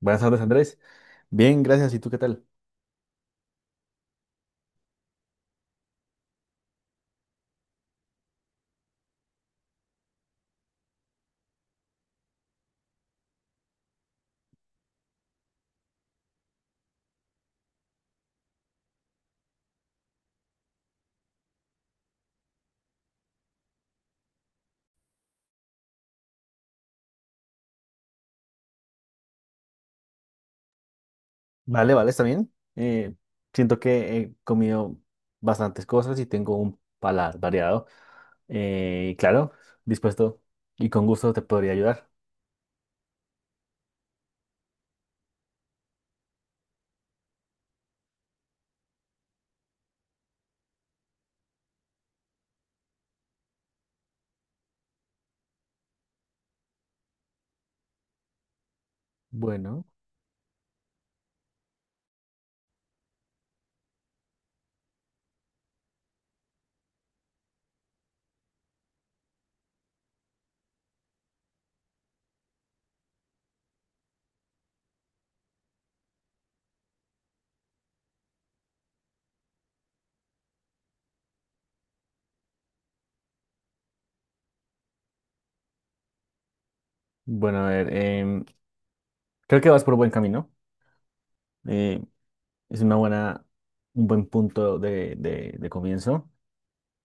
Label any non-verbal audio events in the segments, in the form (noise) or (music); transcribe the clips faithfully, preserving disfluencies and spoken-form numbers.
Buenas tardes, Andrés. Bien, gracias. ¿Y tú qué tal? Vale, vale, está bien. Eh, siento que he comido bastantes cosas y tengo un paladar variado. Eh, y claro, dispuesto y con gusto te podría ayudar. Bueno, bueno, a ver, em, creo que vas por buen camino. Eh, es una buena, un buen punto de, de- de comienzo.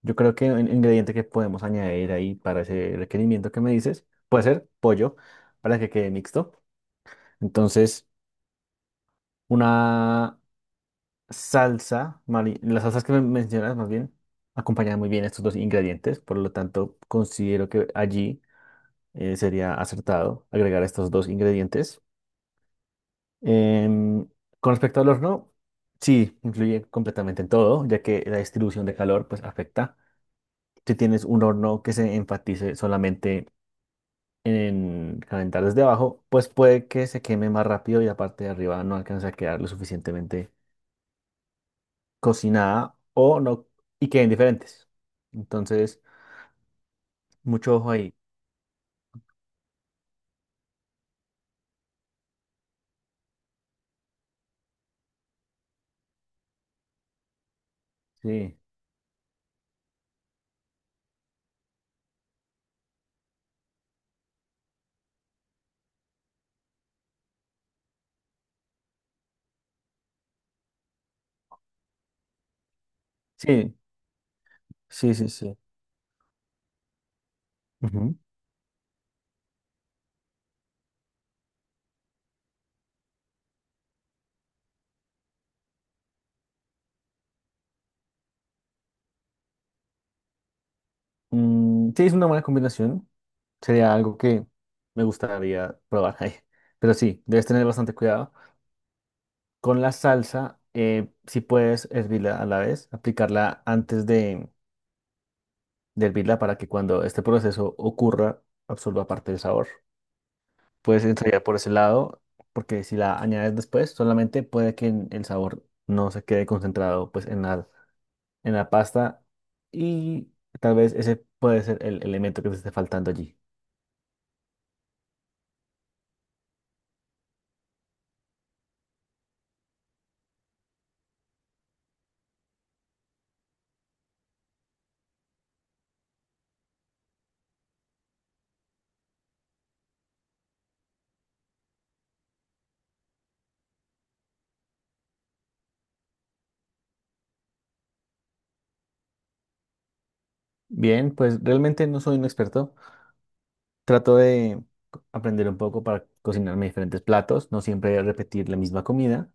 Yo creo que un ingrediente que podemos añadir ahí para ese requerimiento que me dices puede ser pollo para que quede mixto. Entonces, una salsa, mari- las salsas que me mencionas más bien, acompañan muy bien estos dos ingredientes, por lo tanto considero que allí eh, sería acertado agregar estos dos ingredientes. Em, con respecto al horno, sí, influye completamente en todo, ya que la distribución de calor pues afecta. Si tienes un horno que se enfatice solamente en calentar desde abajo, pues puede que se queme más rápido y la parte de arriba no alcance a quedar lo suficientemente cocinada o no y queden diferentes. Entonces, mucho ojo ahí. Sí, sí, sí, sí, sí. Ujú. Mm, sí, es una buena combinación. Sería algo que me gustaría probar ahí. Pero sí, debes tener bastante cuidado. Con la salsa, eh, si puedes hervirla a la vez, aplicarla antes de, de hervirla para que cuando este proceso ocurra, absorba parte del sabor. Puedes ensayar por ese lado, porque si la añades después, solamente puede que en- el sabor no se quede concentrado pues en la, en la pasta y tal vez ese puede ser el elemento que te esté faltando allí. Bien, pues realmente no soy un experto. Trato de co- aprender un poco para cocinarme diferentes platos, no siempre repetir la misma comida.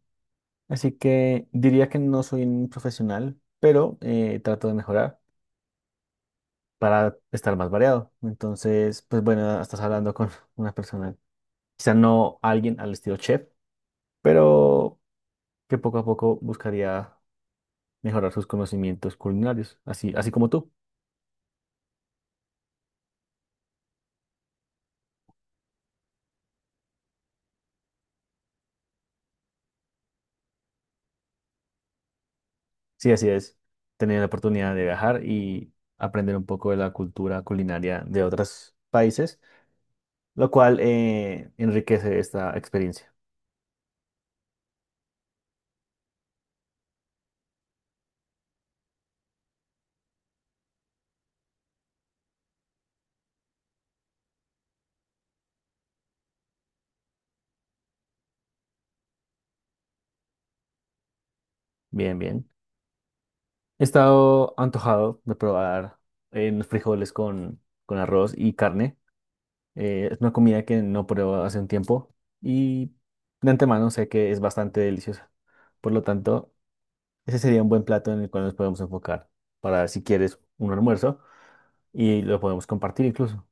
Así que diría que no soy un profesional, pero eh, trato de mejorar para estar más variado. Entonces, pues bueno, estás hablando con (laughs) una persona. Quizá no alguien al estilo chef, pero que poco a poco buscaría mejorar sus conocimientos culinarios, así, así como tú. Sí, así es. Tener la oportunidad de viajar y aprender un poco de la cultura culinaria de otros países, lo cual eh, enriquece esta experiencia. Bien, bien. He estado antojado de probar eh, unos frijoles con, con arroz y carne. Eh, es una comida que no pruebo hace un tiempo y de antemano sé que es bastante deliciosa. Por lo tanto, ese sería un buen plato en el cual nos podemos enfocar para si quieres un almuerzo y lo podemos compartir incluso.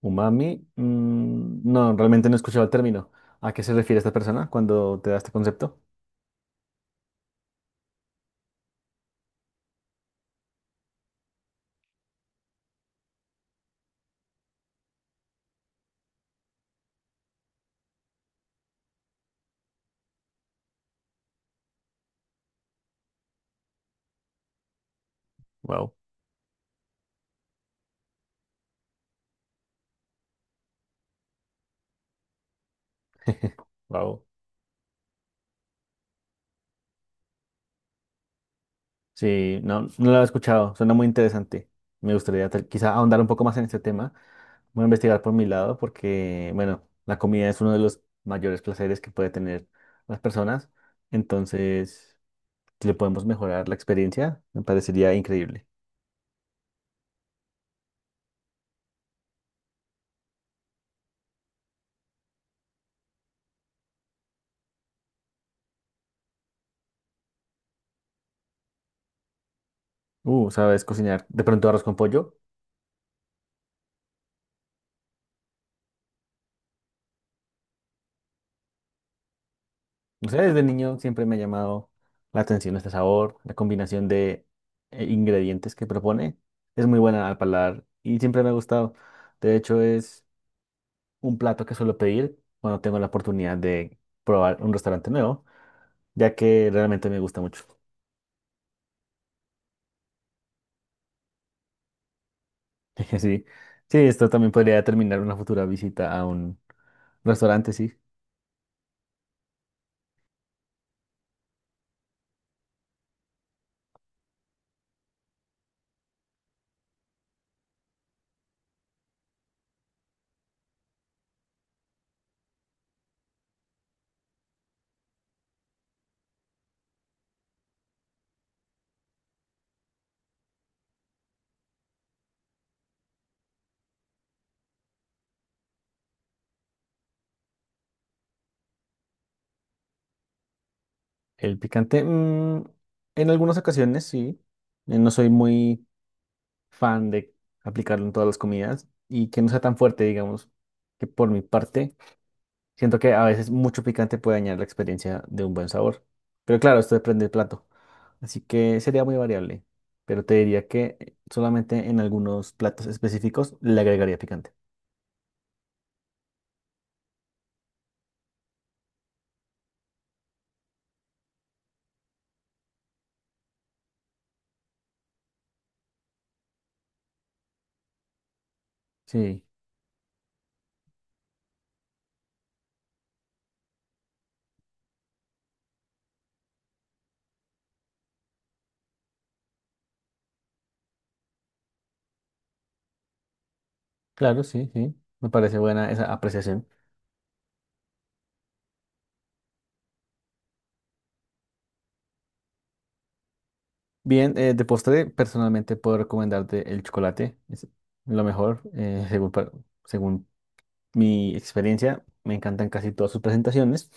Umami, mm, no, realmente no he escuchado el término. ¿A qué se refiere esta persona cuando te da este concepto? Wow. Sí, no, no lo he escuchado, suena muy interesante. Me gustaría tal- quizá ahondar un poco más en este tema. Voy a investigar por mi lado porque, bueno, la comida es uno de los mayores placeres que puede tener las personas. Entonces, si le podemos mejorar la experiencia, me parecería increíble. Uh, ¿sabes cocinar de pronto arroz con pollo? No sé, desde niño siempre me ha llamado la atención este sabor, la combinación de eh, ingredientes que propone. Es muy buena al paladar y siempre me ha gustado. De hecho, es un plato que suelo pedir cuando tengo la oportunidad de probar un restaurante nuevo, ya que realmente me gusta mucho. (laughs) Sí, sí, esto también podría determinar una futura visita a un restaurante, sí. El picante, mm, en algunas ocasiones sí. Eh, No soy muy fan de aplicarlo en todas las comidas y que no sea tan fuerte, digamos, que por mi parte. Siento que a veces mucho picante puede dañar la experiencia de un buen sabor. Pero claro, esto depende del plato. Así que sería muy variable. Pero te diría que eh, solamente en algunos platos específicos le agregaría picante. Sí, claro, sí, sí. Me parece buena esa apreciación. Bien, eh, de postre, personalmente puedo recomendarte el chocolate. Es lo mejor, eh, según, pa- según mi experiencia, me encantan casi todas sus presentaciones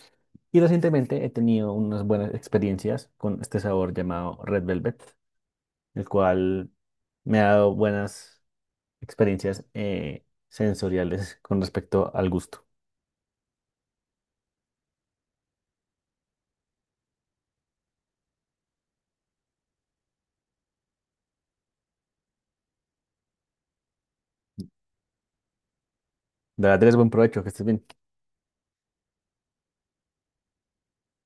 y recientemente he tenido unas buenas experiencias con este sabor llamado Red Velvet, el cual me ha dado buenas experiencias eh, sensoriales con respecto al gusto. De verdad, tienes buen provecho, que estés bien.